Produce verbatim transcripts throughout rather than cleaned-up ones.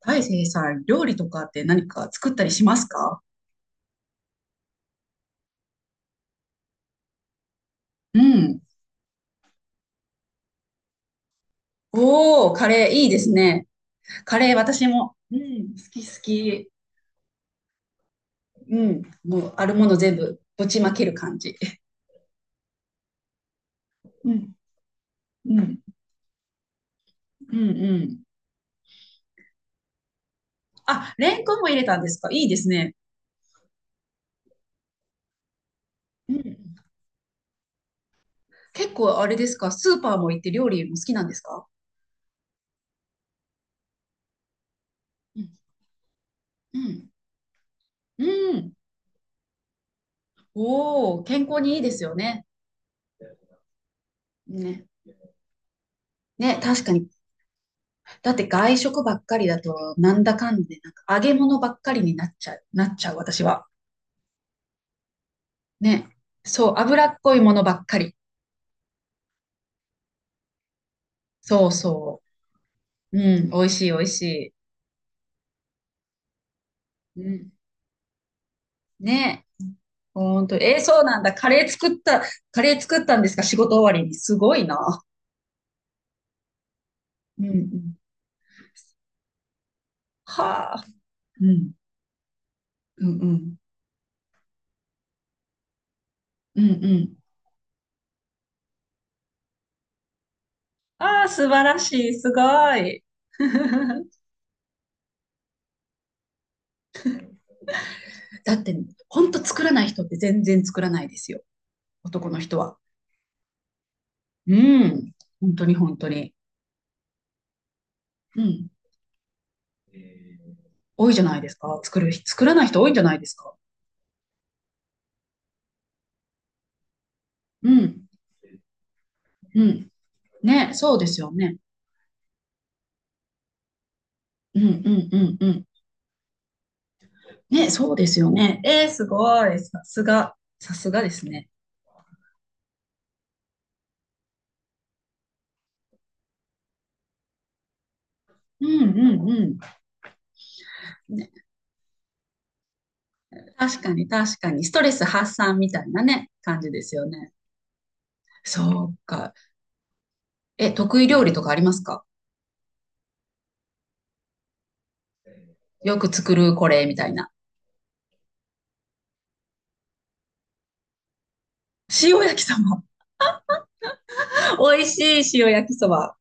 大成さん、料理とかって何か作ったりしますか？うん。おー、カレーいいですね。カレー私も、うん、好き好き。うん、もうあるもの全部ぶちまける感じ。うん、うん、うん、うん。あ、レンコンも入れたんですか？いいですね。うん。結構あれですか？スーパーも行って料理も好きなんですか？うん、うん、うん。おー、健康にいいですよね。ね。ね、確かに。だって外食ばっかりだと、なんだかんで、なんか揚げ物ばっかりになっちゃう、なっちゃう、私は。ね。そう、脂っこいものばっかり。そうそう。うん、美味しい、美味しい。うん。ね。ほんと。えーそうなんだ。カレー作った、カレー作ったんですか？仕事終わりに。すごいな。うんうん。はあ。うん、うん、うん。うんうん。ああ、素晴らしい。すごい。だって、ほんと作らない人って全然作らないですよ。男の人は。うん。本当に本当に。うん。えー多いじゃないですか。作る人、作らない人多いんじゃないですか。うん。うん。ね、そうですよね。うんうんうんうん。ね、そうですよね。えー、すごい。さすが。さすがですね。うんうんうん。ね、確かに確かに。ストレス発散みたいなね、感じですよね。そうか。え、得意料理とかありますか？よく作るこれみたいな。塩焼きそば。美味しい塩焼きそば。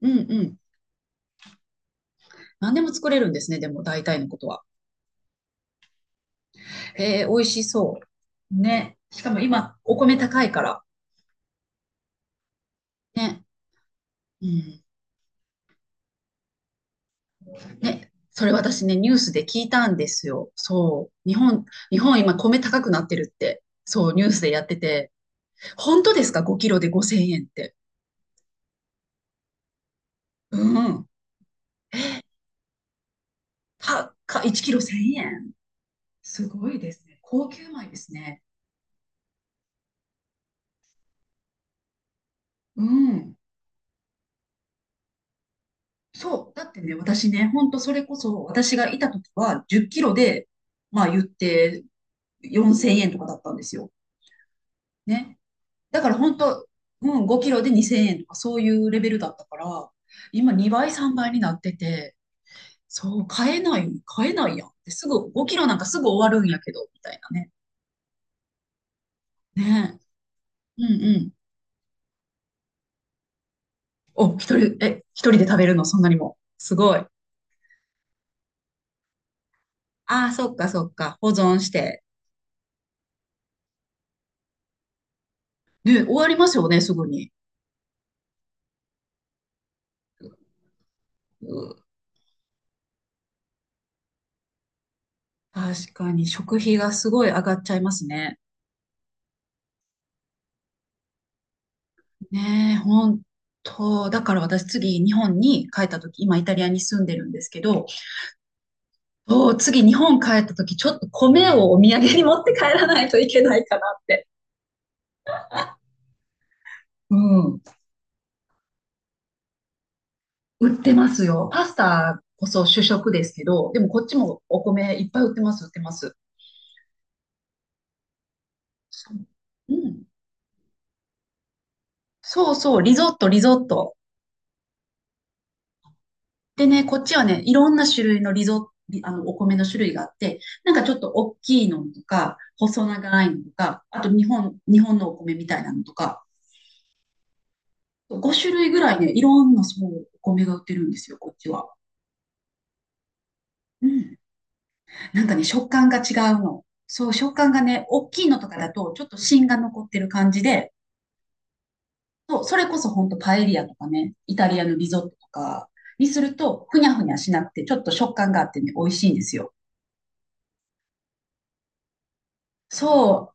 うんうん。何でも作れるんですね、でも大体のことは。ええ、美味しそう。ね。しかも今、お米高いから。ね。うん。ね。それ私ね、ニュースで聞いたんですよ。そう。日本、日本今米高くなってるって。そう、ニュースでやってて。本当ですか？ ご キロでごせんえんって。うん。たか、いちキロせんえん。すごいですね。高級米ですね。うん。そう。だってね、私ね、本当それこそ、私がいた時はじゅっキロで、まあ言ってよんせんえんとかだったんですよ。ね。だから本当、うん、ごキロでにせんえんとかそういうレベルだったから、今にばい、さんばいになってて、そう、買えない、買えないやんって、すぐごキロなんかすぐ終わるんやけど、みたいなね。ねえ。うんうん。お、一人、え、一人で食べるの、そんなにも。すごい。ああ、そっかそっか。保存して。ね、終わりますよね、すぐに。うん。確かに食費がすごい上がっちゃいますね。ねえ、本当。だから私次日本に帰った時、今イタリアに住んでるんですけど、そう、次日本帰った時、ちょっと米をお土産に持って帰らないといけないかなって。うん。売ってますよ。パスタこそ主食ですけど、でもこっちもお米いっぱい売ってます、売ってます。そう。うん。そうそう、リゾット、リゾット。でね、こっちはね、いろんな種類のリゾ、あの、お米の種類があって、なんかちょっと大きいのとか、細長いのとか、あと日本、日本のお米みたいなのとか、ご種類ぐらいね、いろんなそう、お米が売ってるんですよ、こっちは。うん。なんかね、食感が違うの。そう、食感がね、大きいのとかだと、ちょっと芯が残ってる感じで、そう、それこそほんとパエリアとかね、イタリアのリゾットとかにすると、ふにゃふにゃしなくて、ちょっと食感があってね、美味しいんですよ。そう、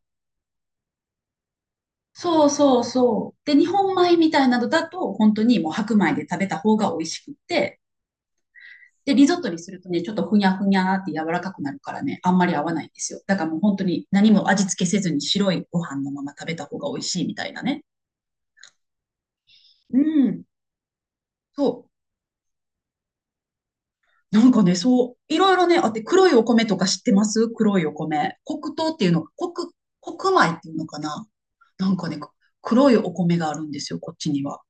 そうそうそう。で、日本米みたいなのだと、本当にもう白米で食べた方が美味しくって、で、リゾットにするとね、ちょっとふにゃふにゃって柔らかくなるからね、あんまり合わないんですよ。だからもう本当に何も味付けせずに白いご飯のまま食べた方が美味しいみたいなね。うん。そう。なんかね、そう、いろいろね、あって、黒いお米とか知ってます？黒いお米。黒糖っていうの、黒、黒米っていうのかな？なんかね、黒いお米があるんですよ、こっちには。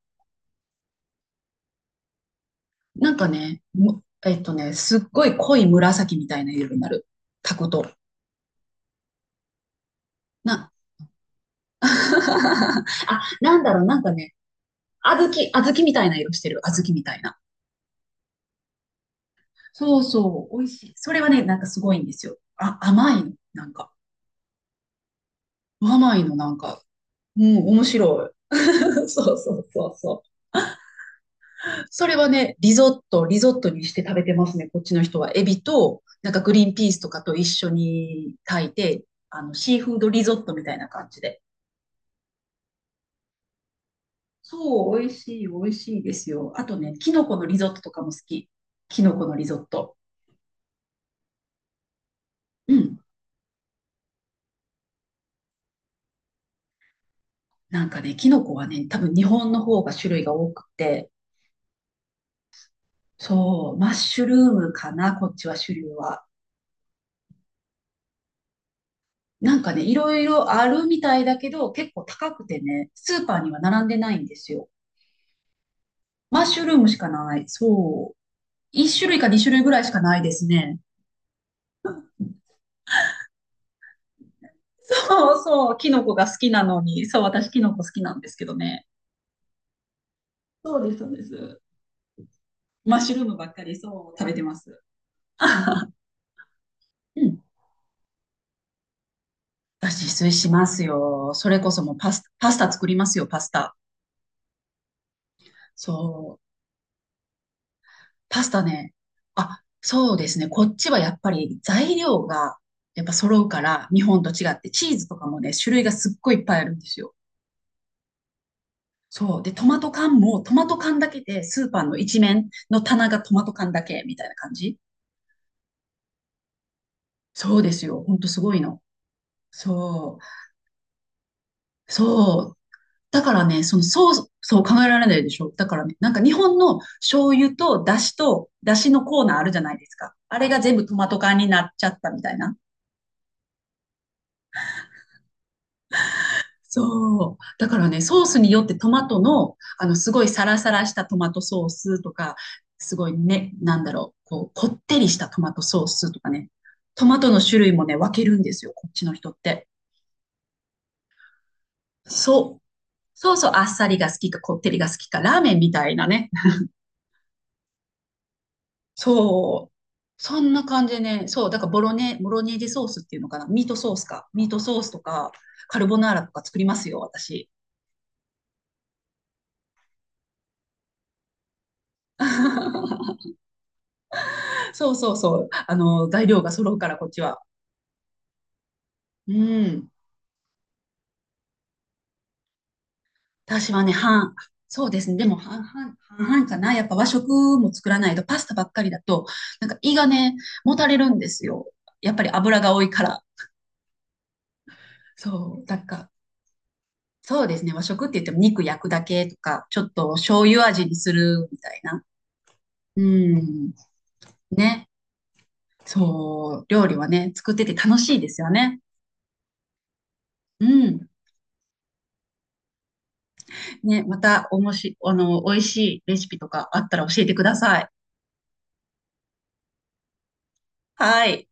なんかね、むえっとね、すっごい濃い紫みたいな色になる。タコと。な、あ、なんだろう、なんかね、小豆、小豆みたいな色してる。小豆みたいな。そうそう、美味しい。それはね、なんかすごいんですよ。あ、甘いの、なんか。甘いの、なんか。うん、面白い。そうそうそうそう。それはね、リゾット、リゾットにして食べてますね、こっちの人は。エビと、なんかグリーンピースとかと一緒に炊いて、あの、シーフードリゾットみたいな感じで。そう、美味しい、美味しいですよ。あとね、キノコのリゾットとかも好き。キノコのリゾット。うん。なんかね、キノコはね、多分日本の方が種類が多くて、そう、マッシュルームかな、こっちは種類は。なんかね、いろいろあるみたいだけど、結構高くてね、スーパーには並んでないんですよ。マッシュルームしかない。そう。いっ種類かに種類ぐらいしかないですね。そうそう、キノコが好きなのに、そう、私キノコ好きなんですけどね。そうです、そうです。マッシュルームばっかりそう食べてます。うん。私、自炊しますよ。それこそもうパス、パスタ作りますよ、パスタ。そう。パスタね。あ、そうですね。こっちはやっぱり材料がやっぱ揃うから、日本と違って、チーズとかもね、種類がすっごいいっぱいあるんですよ。そう。で、トマト缶も、トマト缶だけで、スーパーの一面の棚がトマト缶だけ、みたいな感じ。そうですよ。ほんとすごいの。そう。そう。だからね、その、そう、そう考えられないでしょ。だからね、なんか日本の醤油と出汁と、出汁のコーナーあるじゃないですか。あれが全部トマト缶になっちゃったみたいな。そう。だからね、ソースによってトマトの、あの、すごいサラサラしたトマトソースとか、すごいね、なんだろう、こう、こってりしたトマトソースとかね、トマトの種類もね、分けるんですよ、こっちの人って。そう。そうそう、あっさりが好きか、こってりが好きか、ラーメンみたいなね、そう。そんな感じでね。そう。だからボロネ、ボロネーゼソースっていうのかな。ミートソースか。ミートソースとか、カルボナーラとか作りますよ、私。そうそうそう。あの、材料が揃うから、こっちは。うん。私はね、半、そうですね。でも半々、半々かな。やっぱ和食も作らないと、パスタばっかりだと、なんか胃がね、もたれるんですよ。やっぱり油が多いから。そう。だから、そうですね。和食って言っても肉焼くだけとか、ちょっと醤油味にするみたいな。うん。ね。そう、料理はね、作ってて楽しいですよね。うん。ね、また、おもし、あの、美味しいレシピとかあったら教えてください。はい。